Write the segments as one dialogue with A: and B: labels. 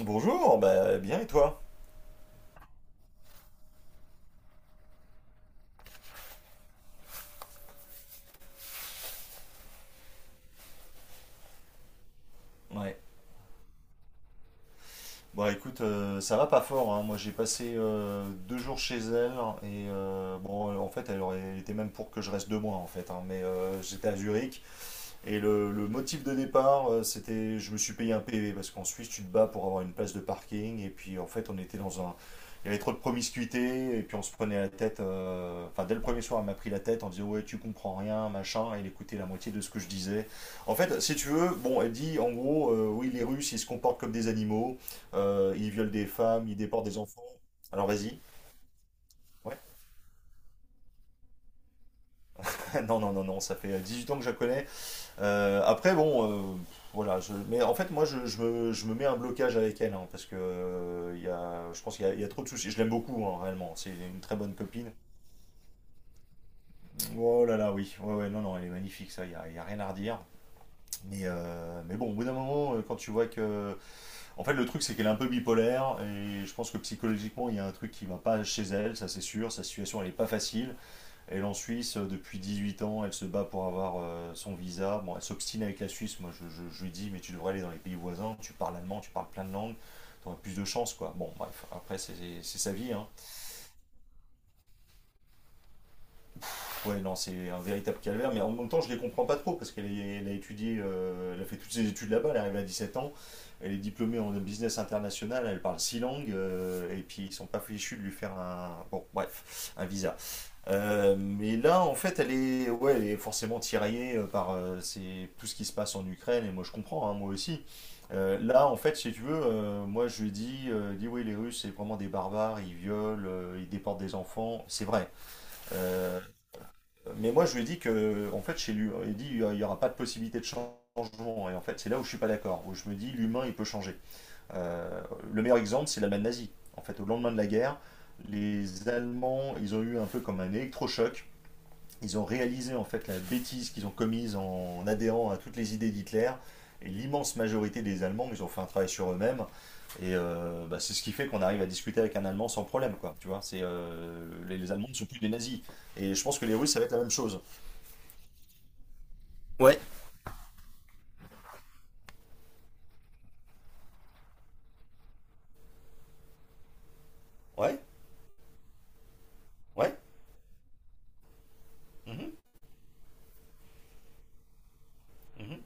A: Bonjour, bah, bien et toi? Ouais. Bon écoute, ça va pas fort, hein. Moi j'ai passé 2 jours chez elle, et bon, en fait, elle aurait été même pour que je reste 2 mois en fait, hein, mais j'étais à Zurich. Et le motif de départ, c'était, je me suis payé un PV parce qu'en Suisse, tu te bats pour avoir une place de parking. Et puis en fait, on était dans un... Il y avait trop de promiscuité. Et puis on se prenait la tête. Enfin, dès le premier soir, elle m'a pris la tête en disant: Ouais, tu comprends rien, machin. Et elle écoutait la moitié de ce que je disais. En fait, si tu veux, bon, elle dit en gros, oui, les Russes, ils se comportent comme des animaux. Ils violent des femmes, ils déportent des enfants. Alors vas-y. Ouais. Non, non, non, non, ça fait 18 ans que je la connais. Après, bon, voilà. Mais en fait, moi, je me mets un blocage avec elle, hein, parce que je pense qu'il y a trop de soucis. Je l'aime beaucoup, hein, réellement. C'est une très bonne copine. Oh là là, oui. Ouais, ouais, non, non, elle est magnifique, ça. Y a rien à redire. Mais bon, au bout d'un moment, quand tu vois que... En fait, le truc, c'est qu'elle est un peu bipolaire, et je pense que psychologiquement, il y a un truc qui ne va pas chez elle, ça c'est sûr. Sa situation, elle est pas facile. Elle est en Suisse depuis 18 ans, elle se bat pour avoir son visa. Bon, elle s'obstine avec la Suisse. Moi, je lui dis, mais tu devrais aller dans les pays voisins, tu parles allemand, tu parles plein de langues, tu auras plus de chance, quoi. Bon, bref, après, c'est sa vie, hein. Ouais, non, c'est un véritable calvaire, mais en même temps, je les comprends pas trop parce qu'elle a étudié, elle a fait toutes ses études là-bas, elle est arrivée à 17 ans. Elle est diplômée en business international, elle parle six langues, et puis ils sont pas fichus de lui faire un, bon, bref, un visa. Mais là, en fait, elle est forcément tiraillée par tout ce qui se passe en Ukraine, et moi je comprends, hein, moi aussi. Là, en fait, si tu veux, moi je lui dis, elle... oui, les Russes, c'est vraiment des barbares, ils violent, ils déportent des enfants, c'est vrai. Euh, mais moi je lui dis que, en fait, chez lui, il dit, il n'y aura pas de possibilité de changement, et en fait, c'est là où je suis pas d'accord, où je me dis, l'humain, il peut changer. Euh, le meilleur exemple, c'est l'Allemagne nazie. En fait, au lendemain de la guerre, les Allemands, ils ont eu un peu comme un électrochoc. Ils ont réalisé en fait la bêtise qu'ils ont commise en adhérant à toutes les idées d'Hitler. Et l'immense majorité des Allemands, ils ont fait un travail sur eux-mêmes. Et bah, c'est ce qui fait qu'on arrive à discuter avec un Allemand sans problème, quoi. Tu vois, c'est les Allemands ne sont plus des nazis. Et je pense que les Russes, ça va être la même chose. Ouais. Ouais, ouais. Mhm, mhm,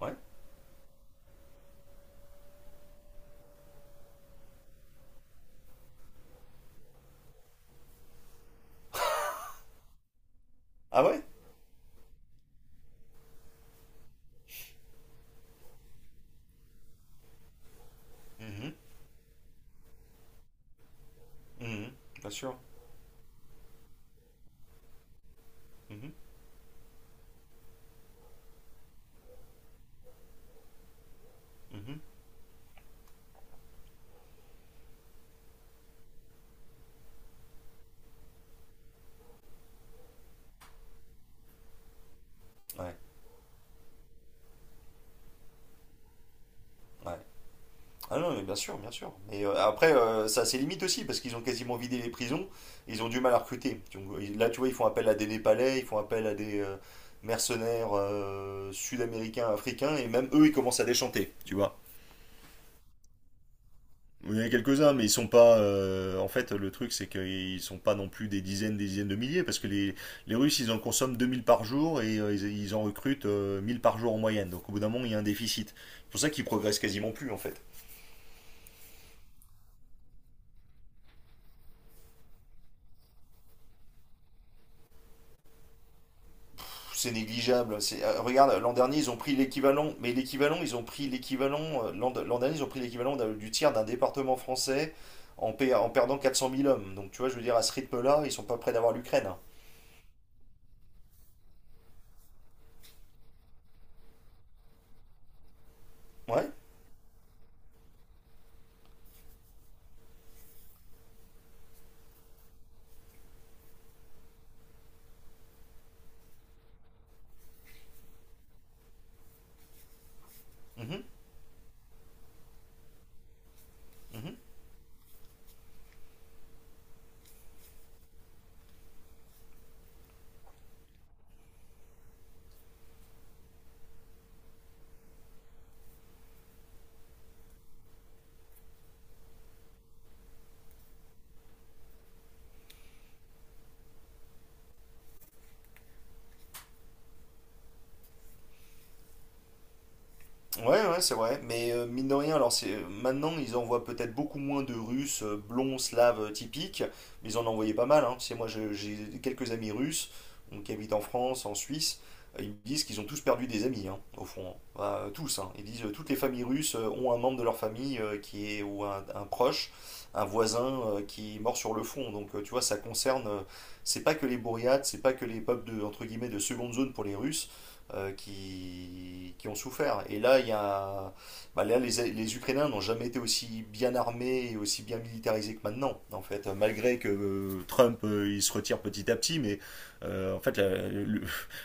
A: ouais. Ah ouais. Mhm, mhm. Bien sûr. Mhm, mhm. Ouais, ouais. Ah non, mais bien sûr, bien sûr. Mais après, ça a ses limites aussi, parce qu'ils ont quasiment vidé les prisons, ils ont du mal à recruter. Donc, là, tu vois, ils font appel à des Népalais, ils font appel à des mercenaires sud-américains, africains, et même eux, ils commencent à déchanter, tu vois. Il y en a quelques-uns, mais ils sont pas... En fait, le truc, c'est qu'ils sont pas non plus des dizaines de milliers, parce que les Russes, ils en consomment 2000 par jour, et ils en recrutent 1000 par jour en moyenne. Donc, au bout d'un moment, il y a un déficit. C'est pour ça qu'ils progressent quasiment plus, en fait. C'est négligeable. Regarde, l'an dernier, ils ont pris l'équivalent, mais l'équivalent, ils ont pris l'équivalent, l'an dernier, ils ont pris l'équivalent du tiers d'un département français en, en perdant 400 000 hommes. Donc, tu vois, je veux dire, à ce rythme-là, ils sont pas près d'avoir l'Ukraine, hein. Ouais. Mhm. Mhm. Ouais, ouais, c'est vrai. Mais mine de rien, alors c'est maintenant ils envoient peut-être beaucoup moins de Russes blonds, slaves typiques, mais ils en envoyaient pas mal, hein. Tu sais, moi, j'ai quelques amis russes donc, qui habitent en France, en Suisse. Ils me disent qu'ils ont tous perdu des amis, hein, au fond, hein. Bah, tous, hein. Ils disent toutes les familles russes ont un membre de leur famille qui est... ou un proche, un voisin qui est mort sur le front. Donc, tu vois, ça concerne... c'est pas que les bourriades, c'est pas que les peuples de, entre guillemets, de seconde zone pour les Russes qui ont souffert. Et là, bah là les Ukrainiens n'ont jamais été aussi bien armés et aussi bien militarisés que maintenant, en fait, malgré que Trump il se retire petit à petit, mais en fait,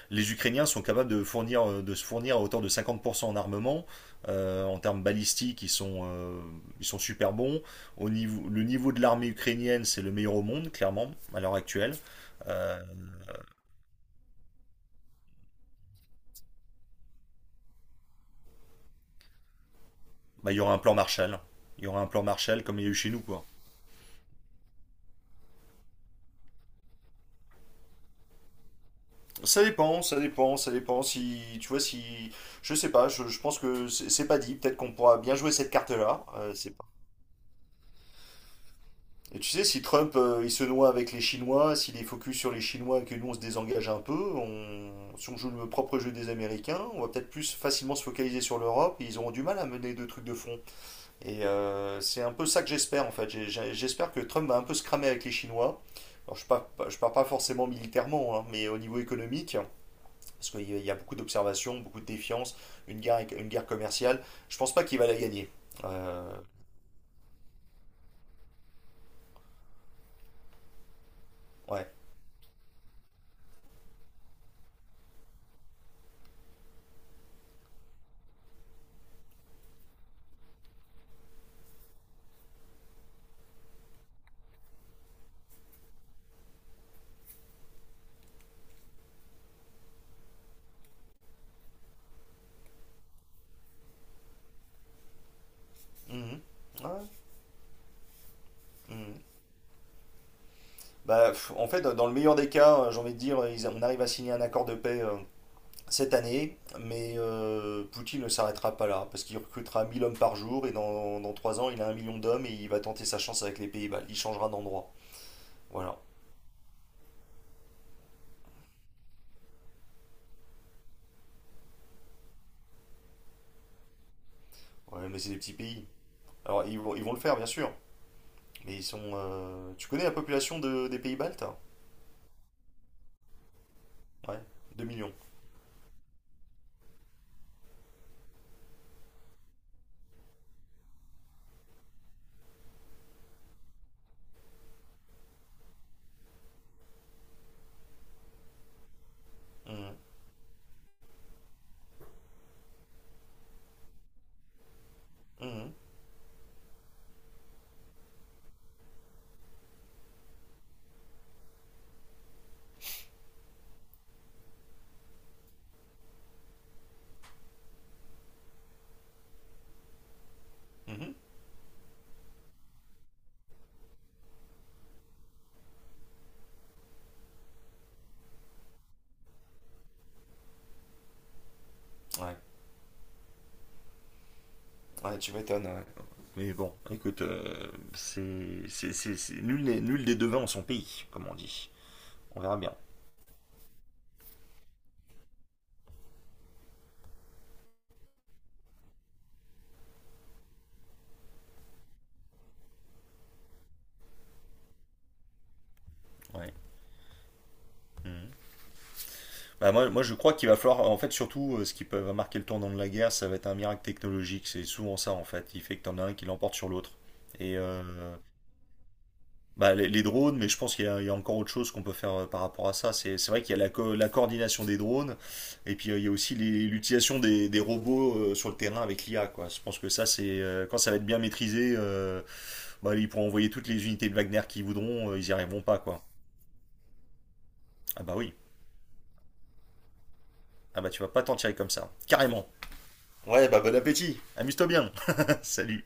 A: les Ukrainiens sont capables de se fournir à hauteur de 50% en armement. En termes balistiques, ils sont super bons. Le niveau de l'armée ukrainienne, c'est le meilleur au monde, clairement, à l'heure actuelle. Euh, Bah, il y aura un plan Marshall. Il y aura un plan Marshall comme il y a eu chez nous, quoi. Ça dépend, ça dépend, ça dépend. Si tu vois, si... je sais pas, je pense que c'est pas dit. Peut-être qu'on pourra bien jouer cette carte-là. C'est pas... Et tu sais, si Trump il se noie avec les Chinois, s'il est focus sur les Chinois et que nous on se désengage un peu, on... si on joue le propre jeu des Américains, on va peut-être plus facilement se focaliser sur l'Europe. Et ils auront du mal à mener deux trucs de fond. Et c'est un peu ça que j'espère en fait. J'espère que Trump va un peu se cramer avec les Chinois. Alors, je pars pas forcément militairement, hein, mais au niveau économique, parce qu'il y a beaucoup d'observations, beaucoup de défiance, une guerre, une guerre commerciale. Je pense pas qu'il va la gagner. Euh, ouais. Mhm. Ouais. Mhm. Bah, pff, en fait, dans le meilleur des cas, j'ai envie de dire, on arrive à signer un accord de paix cette année, mais Poutine ne s'arrêtera pas là, parce qu'il recrutera 1000 hommes par jour, et dans 3 ans, il a un million d'hommes, et il va tenter sa chance avec les pays baltes. Il changera d'endroit. Voilà. Ouais, mais c'est des petits pays. Alors, ils vont le faire, bien sûr. Mais ils sont... Tu connais la population des pays baltes? Ouais. 2 millions. Mhm. Mhm. Mhm. Ouais. Ouais, tu m'étonnes, ouais. Mais bon, écoute, Nul, nul des devins en son pays, comme on dit. On verra bien. Ouais. Mhm. Bah, moi, je crois qu'il va falloir, en fait, surtout, ce qui peut... va marquer le tournant de la guerre, ça va être un miracle technologique. C'est souvent ça, en fait. Il fait que t'en as un qui l'emporte sur l'autre. Et bah, les drones, mais je pense il y a encore autre chose qu'on peut faire par rapport à ça. C'est vrai qu'il y a la coordination des drones, et puis il y a aussi l'utilisation des robots sur le terrain avec l'IA, quoi. Je pense que ça, c'est quand ça va être bien maîtrisé, bah, ils pourront envoyer toutes les unités de Wagner qu'ils voudront, ils y arriveront pas, quoi. Ah bah oui. Ah bah tu vas pas t'en tirer comme ça. Carrément. Ouais, bah bon appétit. Amuse-toi bien. Salut.